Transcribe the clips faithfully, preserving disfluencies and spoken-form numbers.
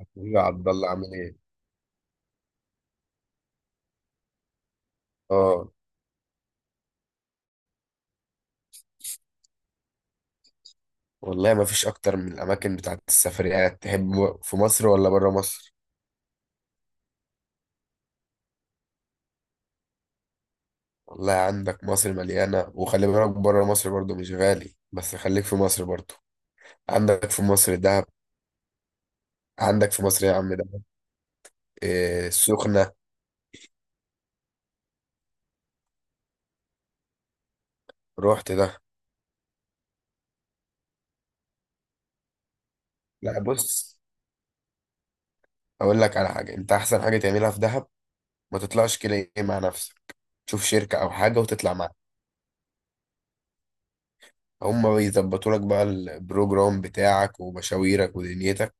حبيبي يا عبد الله عامل ايه؟ اه. والله ما فيش اكتر من الاماكن بتاعت السفريات. تحب م- في مصر ولا بره مصر؟ والله عندك مصر مليانه، وخلي بالك بره مصر برضو مش غالي، بس خليك في مصر برضو. عندك في مصر دهب. عندك في مصر يا عم دهب. إيه السخنه. رحت ده. لا، بص، اقول لك على حاجه. انت احسن حاجه تعملها في دهب، ما تطلعش كده ايه مع نفسك، تشوف شركه او حاجه وتطلع. هم بيظبطوا لك بقى البروجرام بتاعك ومشاويرك ودنيتك،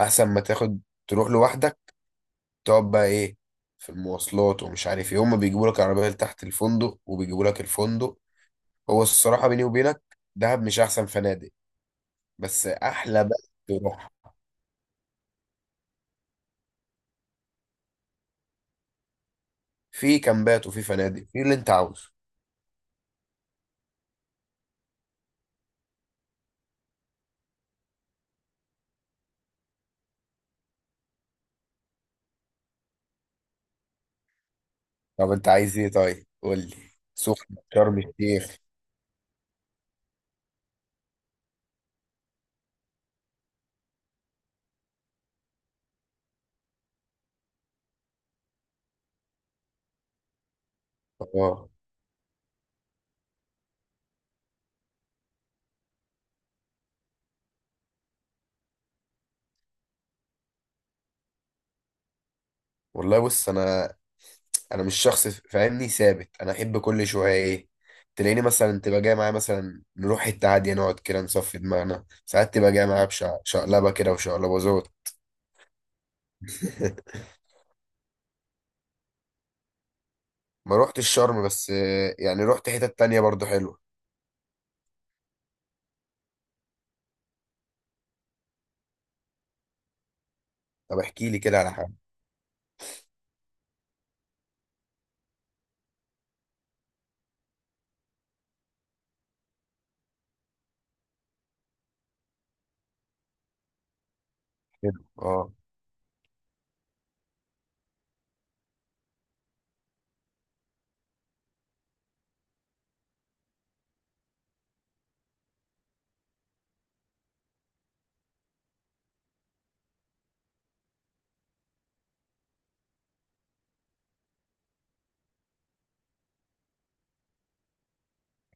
احسن ما تاخد تروح لوحدك تقعد بقى ايه في المواصلات ومش عارف ايه. هم بيجيبوا لك العربيه لتحت الفندق، وبيجيبوا لك الفندق. هو الصراحه بيني وبينك، دهب مش احسن فنادق، بس احلى بقى تروح. في كامبات وفي فنادق، في اللي انت عاوزه. طب انت عايز ايه؟ طيب قول لي. سخنه، شرم الشيخ. اه. والله بص، انا انا مش شخص فاهمني ثابت، انا احب كل شويه ايه. تلاقيني مثلا تبقى جاي معايا مثلا نروح حته عاديه نقعد كده نصفي دماغنا، ساعات تبقى جاي معايا بشقلبه كده وشقلباظات. ما روحتش الشرم، بس آه، يعني روحت حتت تانية برضو حلوه. طب احكي لي كده على حاجه حلو. اه.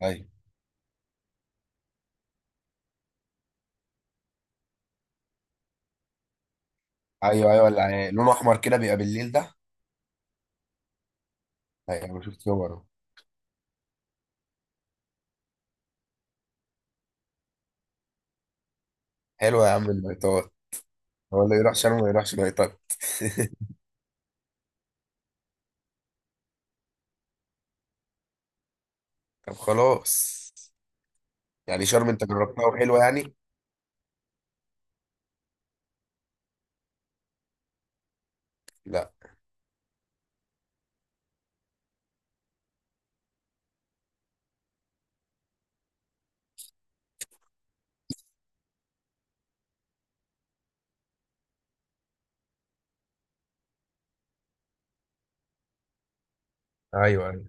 ايوه ايوه ايوه اللي يعني لونه احمر كده بيبقى بالليل ده. ايوه، انا شفت صوره. حلوه يا عم اللايتات. هو اللي يروح شرم ما يروحش لايتات. طب خلاص. يعني شرم انت جربتها وحلوه يعني. لا. ايوه ايوه،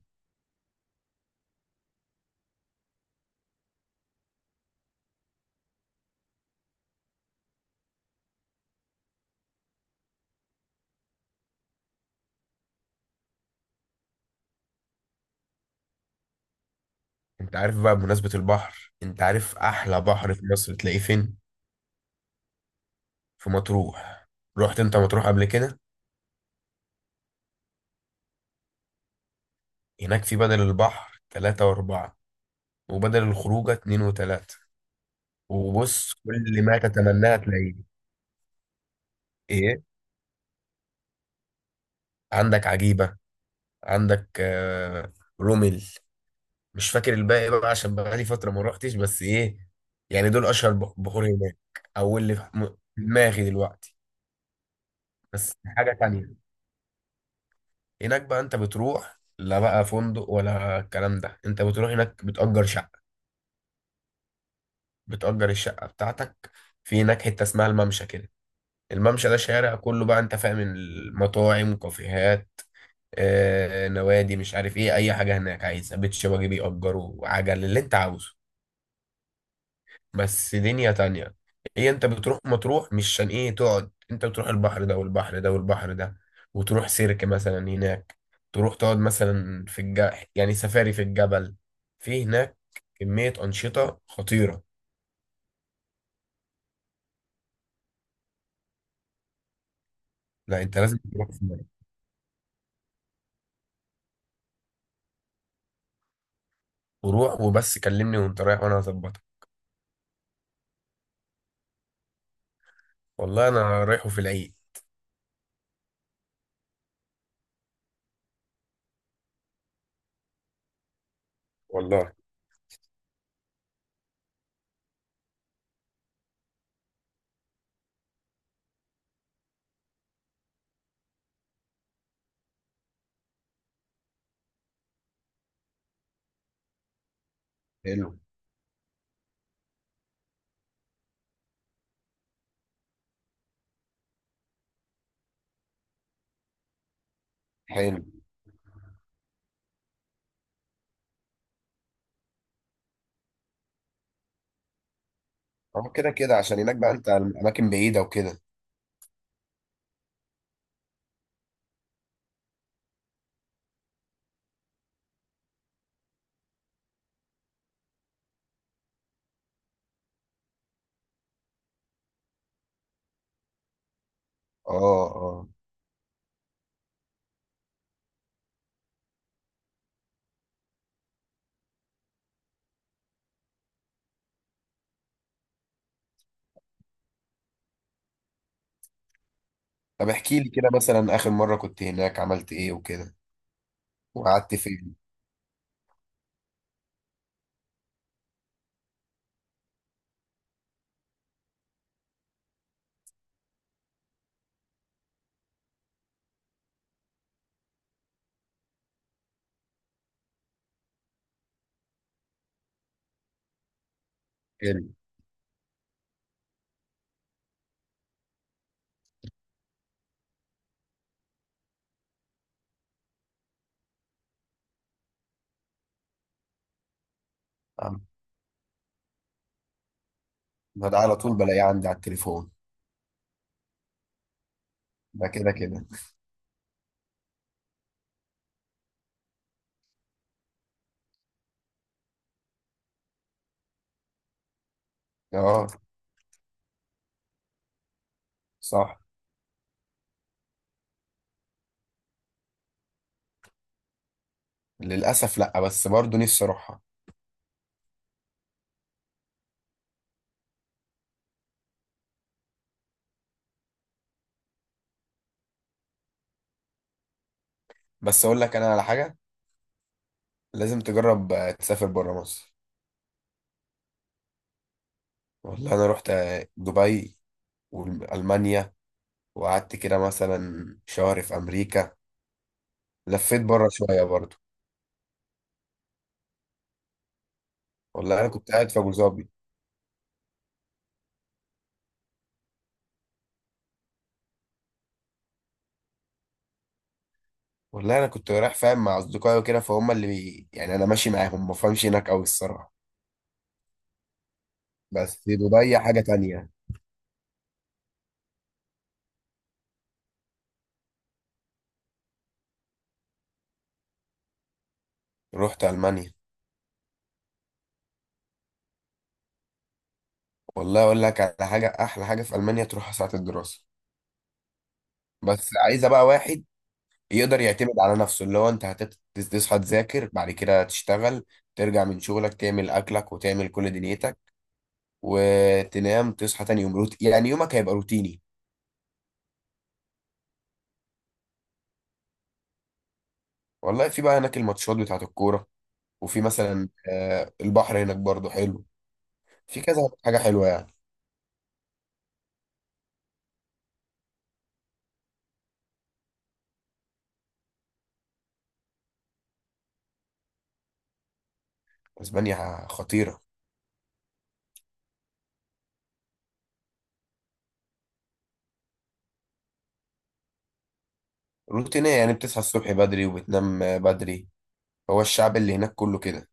انت عارف بقى بمناسبة البحر، انت عارف احلى بحر في مصر تلاقيه فين؟ في مطروح. رحت انت مطروح قبل كده؟ هناك في بدل البحر تلاتة واربعة، وبدل الخروجة اتنين وتلاتة. وبص، كل ما تتمناه تلاقيه. ايه، عندك عجيبة، عندك آه رومل. مش فاكر الباقي بقى عشان بقالي فترة ما روحتش، بس ايه يعني دول اشهر بح- بحور هناك. او اللي في م- في دماغي دلوقتي. بس حاجة تانية، هناك بقى انت بتروح لا بقى فندق ولا الكلام ده، انت بتروح هناك بتأجر شقة. بتأجر الشقة بتاعتك في هناك، حتة اسمها الممشى كده. الممشى ده شارع كله بقى انت فاهم، المطاعم، كافيهات، آه، نوادي، مش عارف ايه، اي حاجة هناك عايزها، بيت شبابي، بيأجروا عجل اللي انت عاوزه. بس دنيا تانية. هي انت بتروح مطروح مش عشان ايه تقعد، انت بتروح البحر ده والبحر ده والبحر ده، وتروح سيرك مثلا هناك، تروح تقعد مثلا في الج... يعني سفاري في الجبل في هناك. كمية أنشطة خطيرة. لا، انت لازم تروح في مرة. وروح، وبس كلمني وانت رايح وانا هظبطك. والله انا رايحه في العيد. والله حلو. حلو. اه كده كده عشان هناك بقى انت الاماكن بعيده وكده. اه اه. طب احكي لي كده مثلا اخر مره كنت هناك عملت ايه وكده. وقعدت فين. حلو. آه. ما ده على طول بلاقيه عندي على التليفون. ده كده كده. اه، صح. للاسف لا، بس برضه نفسي اروحها. بس اقول لك انا على حاجه، لازم تجرب آه، تسافر بره مصر. والله انا رحت آه، دبي والمانيا، وقعدت كده مثلا شهر في امريكا. لفيت بره شويه برضه. والله انا كنت قاعد في ابو ظبي. والله انا كنت رايح فاهم مع اصدقائي وكده، فهم اللي بي... يعني انا ماشي معاهم ما فهمش هناك قوي الصراحه. بس دبي حاجه تانية. رحت المانيا. والله اقول لك على حاجه، احلى حاجه في المانيا تروح ساعه الدراسه. بس عايزه بقى واحد يقدر يعتمد على نفسه، اللي هو انت هتصحى تذاكر بعد كده تشتغل، ترجع من شغلك تعمل اكلك وتعمل كل دنيتك، وتنام تصحى تاني يوم روت... يعني يومك هيبقى روتيني. والله في بقى هناك الماتشات بتاعت الكوره، وفي مثلا آه، البحر هناك برضو حلو. في كذا حاجه حلوه يعني. اسبانيا خطيره. روتينيه، يعني بتصحى الصبح بدري وبتنام آه، بدري. هو الشعب اللي هناك كله كده.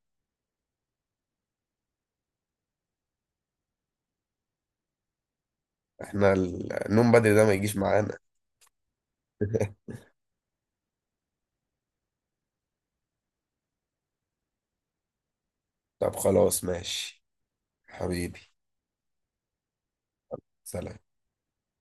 احنا النوم بدري ده ما يجيش معانا. طب خلاص، ماشي. حبيبي. سلام.